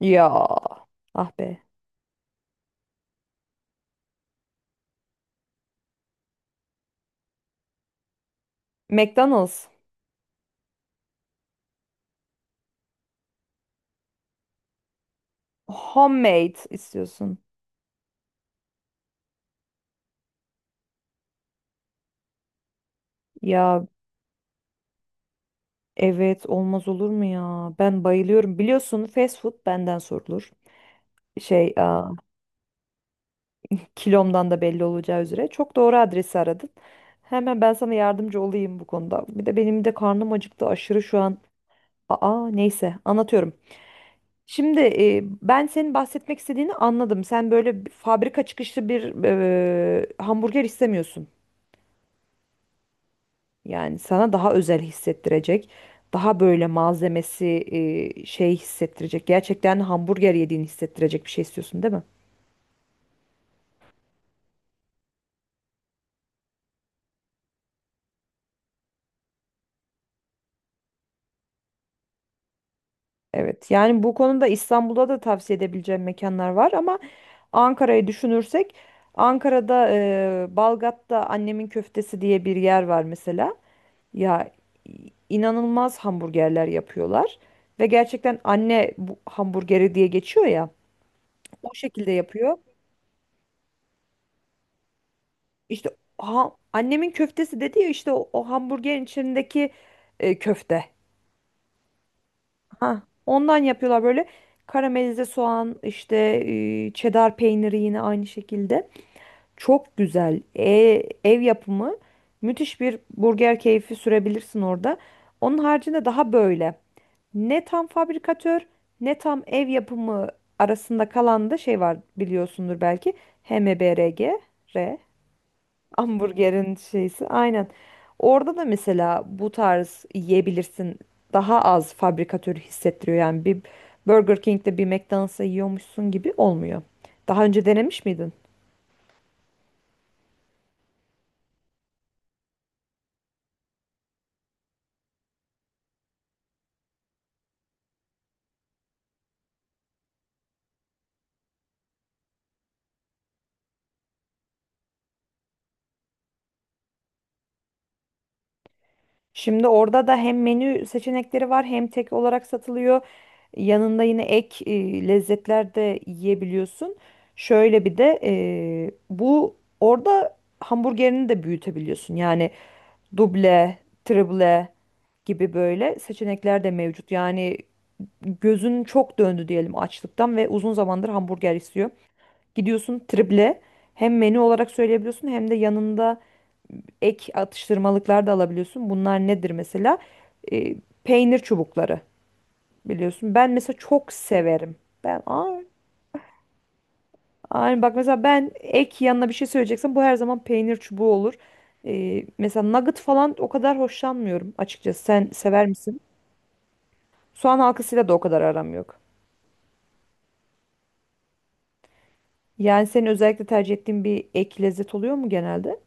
Ya, ah be. McDonald's. Homemade istiyorsun. Ya, evet, olmaz olur mu ya? Ben bayılıyorum. Biliyorsun, fast food benden sorulur. Şey, aa, kilomdan da belli olacağı üzere. Çok doğru adresi aradın. Hemen ben sana yardımcı olayım bu konuda. Bir de benim de karnım acıktı aşırı şu an. Aa, neyse, anlatıyorum. Şimdi ben senin bahsetmek istediğini anladım. Sen böyle bir fabrika çıkışlı bir hamburger istemiyorsun. Yani sana daha özel hissettirecek, daha böyle malzemesi şey hissettirecek. Gerçekten hamburger yediğini hissettirecek bir şey istiyorsun, değil mi? Evet. Yani bu konuda İstanbul'da da tavsiye edebileceğim mekanlar var ama Ankara'yı düşünürsek Ankara'da Balgat'ta annemin köftesi diye bir yer var mesela. Ya, inanılmaz hamburgerler yapıyorlar ve gerçekten anne bu hamburgeri diye geçiyor ya. O şekilde yapıyor. İşte, ha, annemin köftesi dedi ya, işte o hamburgerin içindeki köfte. Ha, ondan yapıyorlar böyle karamelize soğan, işte çedar peyniri yine aynı şekilde. Çok güzel. Ev yapımı müthiş bir burger keyfi sürebilirsin orada. Onun haricinde daha böyle ne tam fabrikatör ne tam ev yapımı arasında kalan da şey var, biliyorsundur belki, H M B R HMBRG. Hamburgerin şeysi aynen. Orada da mesela bu tarz yiyebilirsin. Daha az fabrikatörü hissettiriyor. Yani bir Burger King'de bir McDonald's'ta yiyormuşsun gibi olmuyor. Daha önce denemiş miydin? Şimdi orada da hem menü seçenekleri var hem tek olarak satılıyor. Yanında yine ek lezzetler de yiyebiliyorsun. Şöyle bir de bu orada hamburgerini de büyütebiliyorsun. Yani duble, triple gibi böyle seçenekler de mevcut. Yani gözün çok döndü diyelim açlıktan ve uzun zamandır hamburger istiyor. Gidiyorsun triple, hem menü olarak söyleyebiliyorsun hem de yanında ek atıştırmalıklar da alabiliyorsun. Bunlar nedir mesela? E, Peynir çubukları biliyorsun. Ben mesela çok severim. Ben, ay, bak mesela ben ek yanına bir şey söyleyeceksem bu her zaman peynir çubuğu olur. Mesela nugget falan o kadar hoşlanmıyorum açıkçası. Sen sever misin? Soğan halkasıyla da o kadar aram yok. Yani senin özellikle tercih ettiğin bir ek lezzet oluyor mu genelde?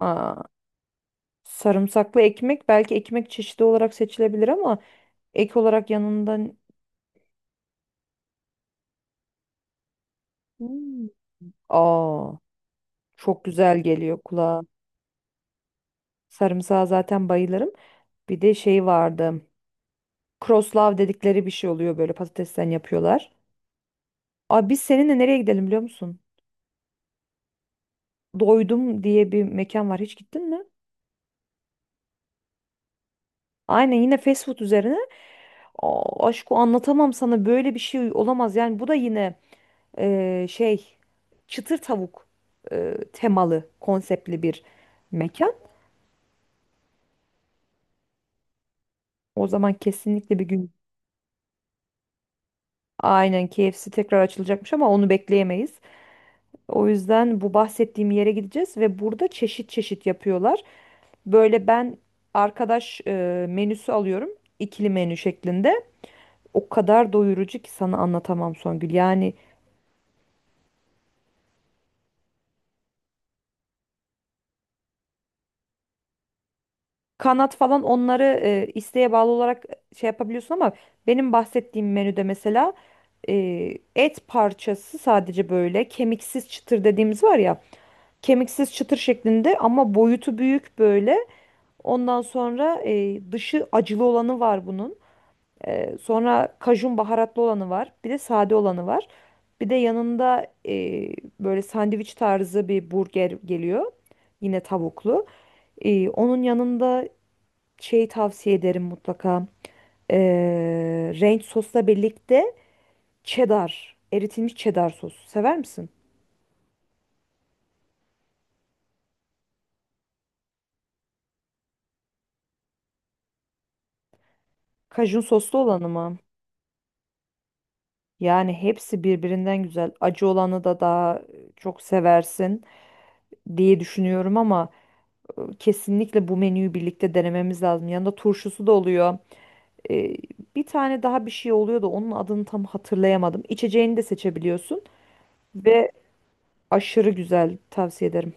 Aa, sarımsaklı ekmek belki ekmek çeşidi olarak seçilebilir ama ek olarak yanından. Hmm. Aa. Çok güzel geliyor kulağa. Sarımsağa zaten bayılırım. Bir de şey vardı. Croslav dedikleri bir şey oluyor, böyle patatesten yapıyorlar. Abi biz seninle nereye gidelim biliyor musun? Doydum diye bir mekan var. Hiç gittin mi? Aynen, yine fast food üzerine. Aa, aşkı anlatamam sana, böyle bir şey olamaz. Yani bu da yine şey, çıtır tavuk, temalı konseptli bir mekan. O zaman kesinlikle bir gün. Aynen, KFC tekrar açılacakmış ama onu bekleyemeyiz. O yüzden bu bahsettiğim yere gideceğiz ve burada çeşit çeşit yapıyorlar. Böyle ben arkadaş menüsü alıyorum, ikili menü şeklinde. O kadar doyurucu ki sana anlatamam Songül. Yani kanat falan, onları isteğe bağlı olarak şey yapabiliyorsun ama benim bahsettiğim menüde mesela e, et parçası sadece böyle kemiksiz çıtır dediğimiz var ya, kemiksiz çıtır şeklinde ama boyutu büyük böyle. Ondan sonra dışı acılı olanı var bunun. Sonra kajun baharatlı olanı var. Bir de sade olanı var. Bir de yanında böyle sandviç tarzı bir burger geliyor. Yine tavuklu. Onun yanında şey tavsiye ederim mutlaka. Ranch sosla birlikte cheddar, eritilmiş cheddar sosu. Sever misin? Kajun soslu olanı mı? Yani hepsi birbirinden güzel. Acı olanı da daha çok seversin diye düşünüyorum ama kesinlikle bu menüyü birlikte denememiz lazım. Yanında turşusu da oluyor. Ee, Bir tane daha bir şey oluyor da onun adını tam hatırlayamadım. İçeceğini de seçebiliyorsun ve aşırı güzel, tavsiye ederim.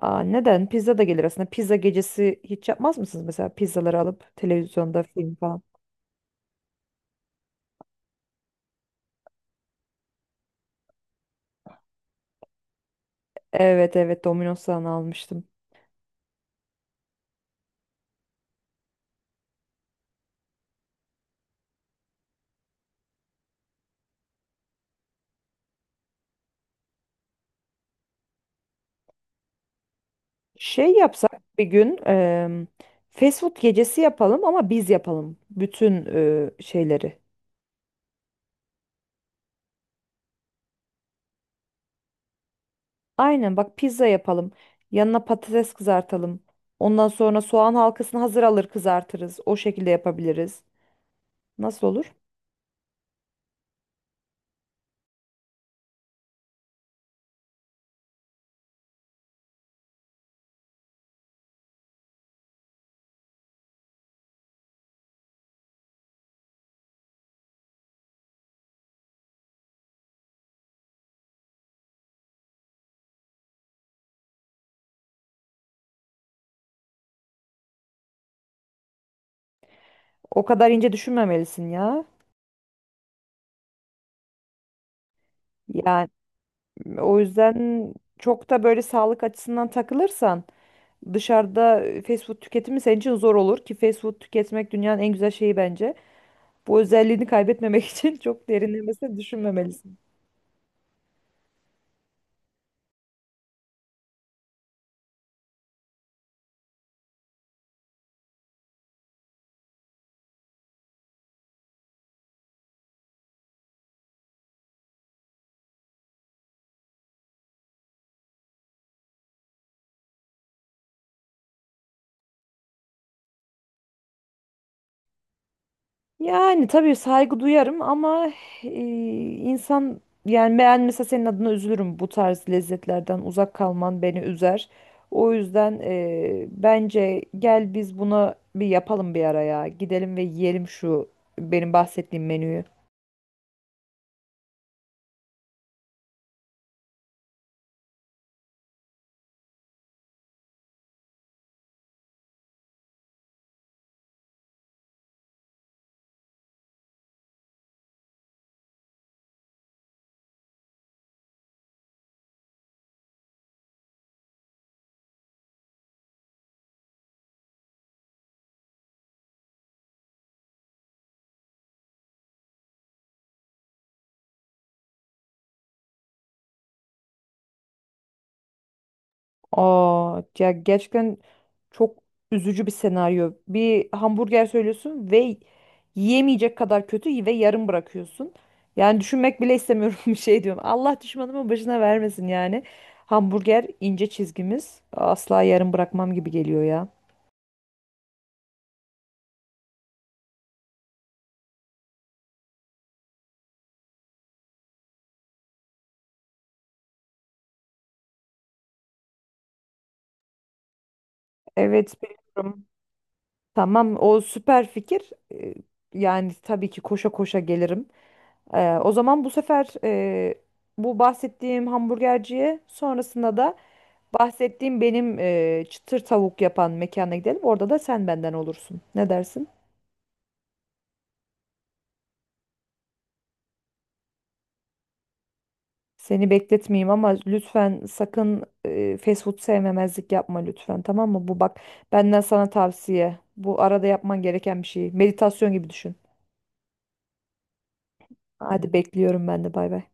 Aa, neden? Pizza da gelir aslında. Pizza gecesi hiç yapmaz mısınız mesela, pizzaları alıp televizyonda film falan? Evet, evet, Domino's'tan almıştım. Şey yapsak bir gün fast food gecesi yapalım ama biz yapalım bütün şeyleri. Aynen, bak, pizza yapalım. Yanına patates kızartalım. Ondan sonra soğan halkasını hazır alır kızartırız. O şekilde yapabiliriz. Nasıl olur? O kadar ince düşünmemelisin ya. Yani o yüzden çok da böyle sağlık açısından takılırsan dışarıda fast food tüketimi senin için zor olur ki fast food tüketmek dünyanın en güzel şeyi bence. Bu özelliğini kaybetmemek için çok derinlemesine düşünmemelisin. Yani tabii saygı duyarım ama e, insan, yani ben mesela senin adına üzülürüm, bu tarz lezzetlerden uzak kalman beni üzer. O yüzden bence gel biz buna bir yapalım, bir araya. Gidelim ve yiyelim şu benim bahsettiğim menüyü. Aa, ya gerçekten çok üzücü bir senaryo. Bir hamburger söylüyorsun ve yiyemeyecek kadar kötü ve yarım bırakıyorsun. Yani düşünmek bile istemiyorum, bir şey diyorum. Allah düşmanımın başına vermesin yani. Hamburger ince çizgimiz. Asla yarım bırakmam gibi geliyor ya. Evet, biliyorum. Tamam, o süper fikir. Yani tabii ki koşa koşa gelirim. O zaman bu sefer bu bahsettiğim hamburgerciye, sonrasında da bahsettiğim benim çıtır tavuk yapan mekana gidelim. Orada da sen benden olursun. Ne dersin? Seni bekletmeyeyim ama lütfen sakın fast food sevmemezlik yapma lütfen, tamam mı? Bu bak, benden sana tavsiye. Bu arada yapman gereken bir şey. Meditasyon gibi düşün. Hadi, bekliyorum ben de, bay bay.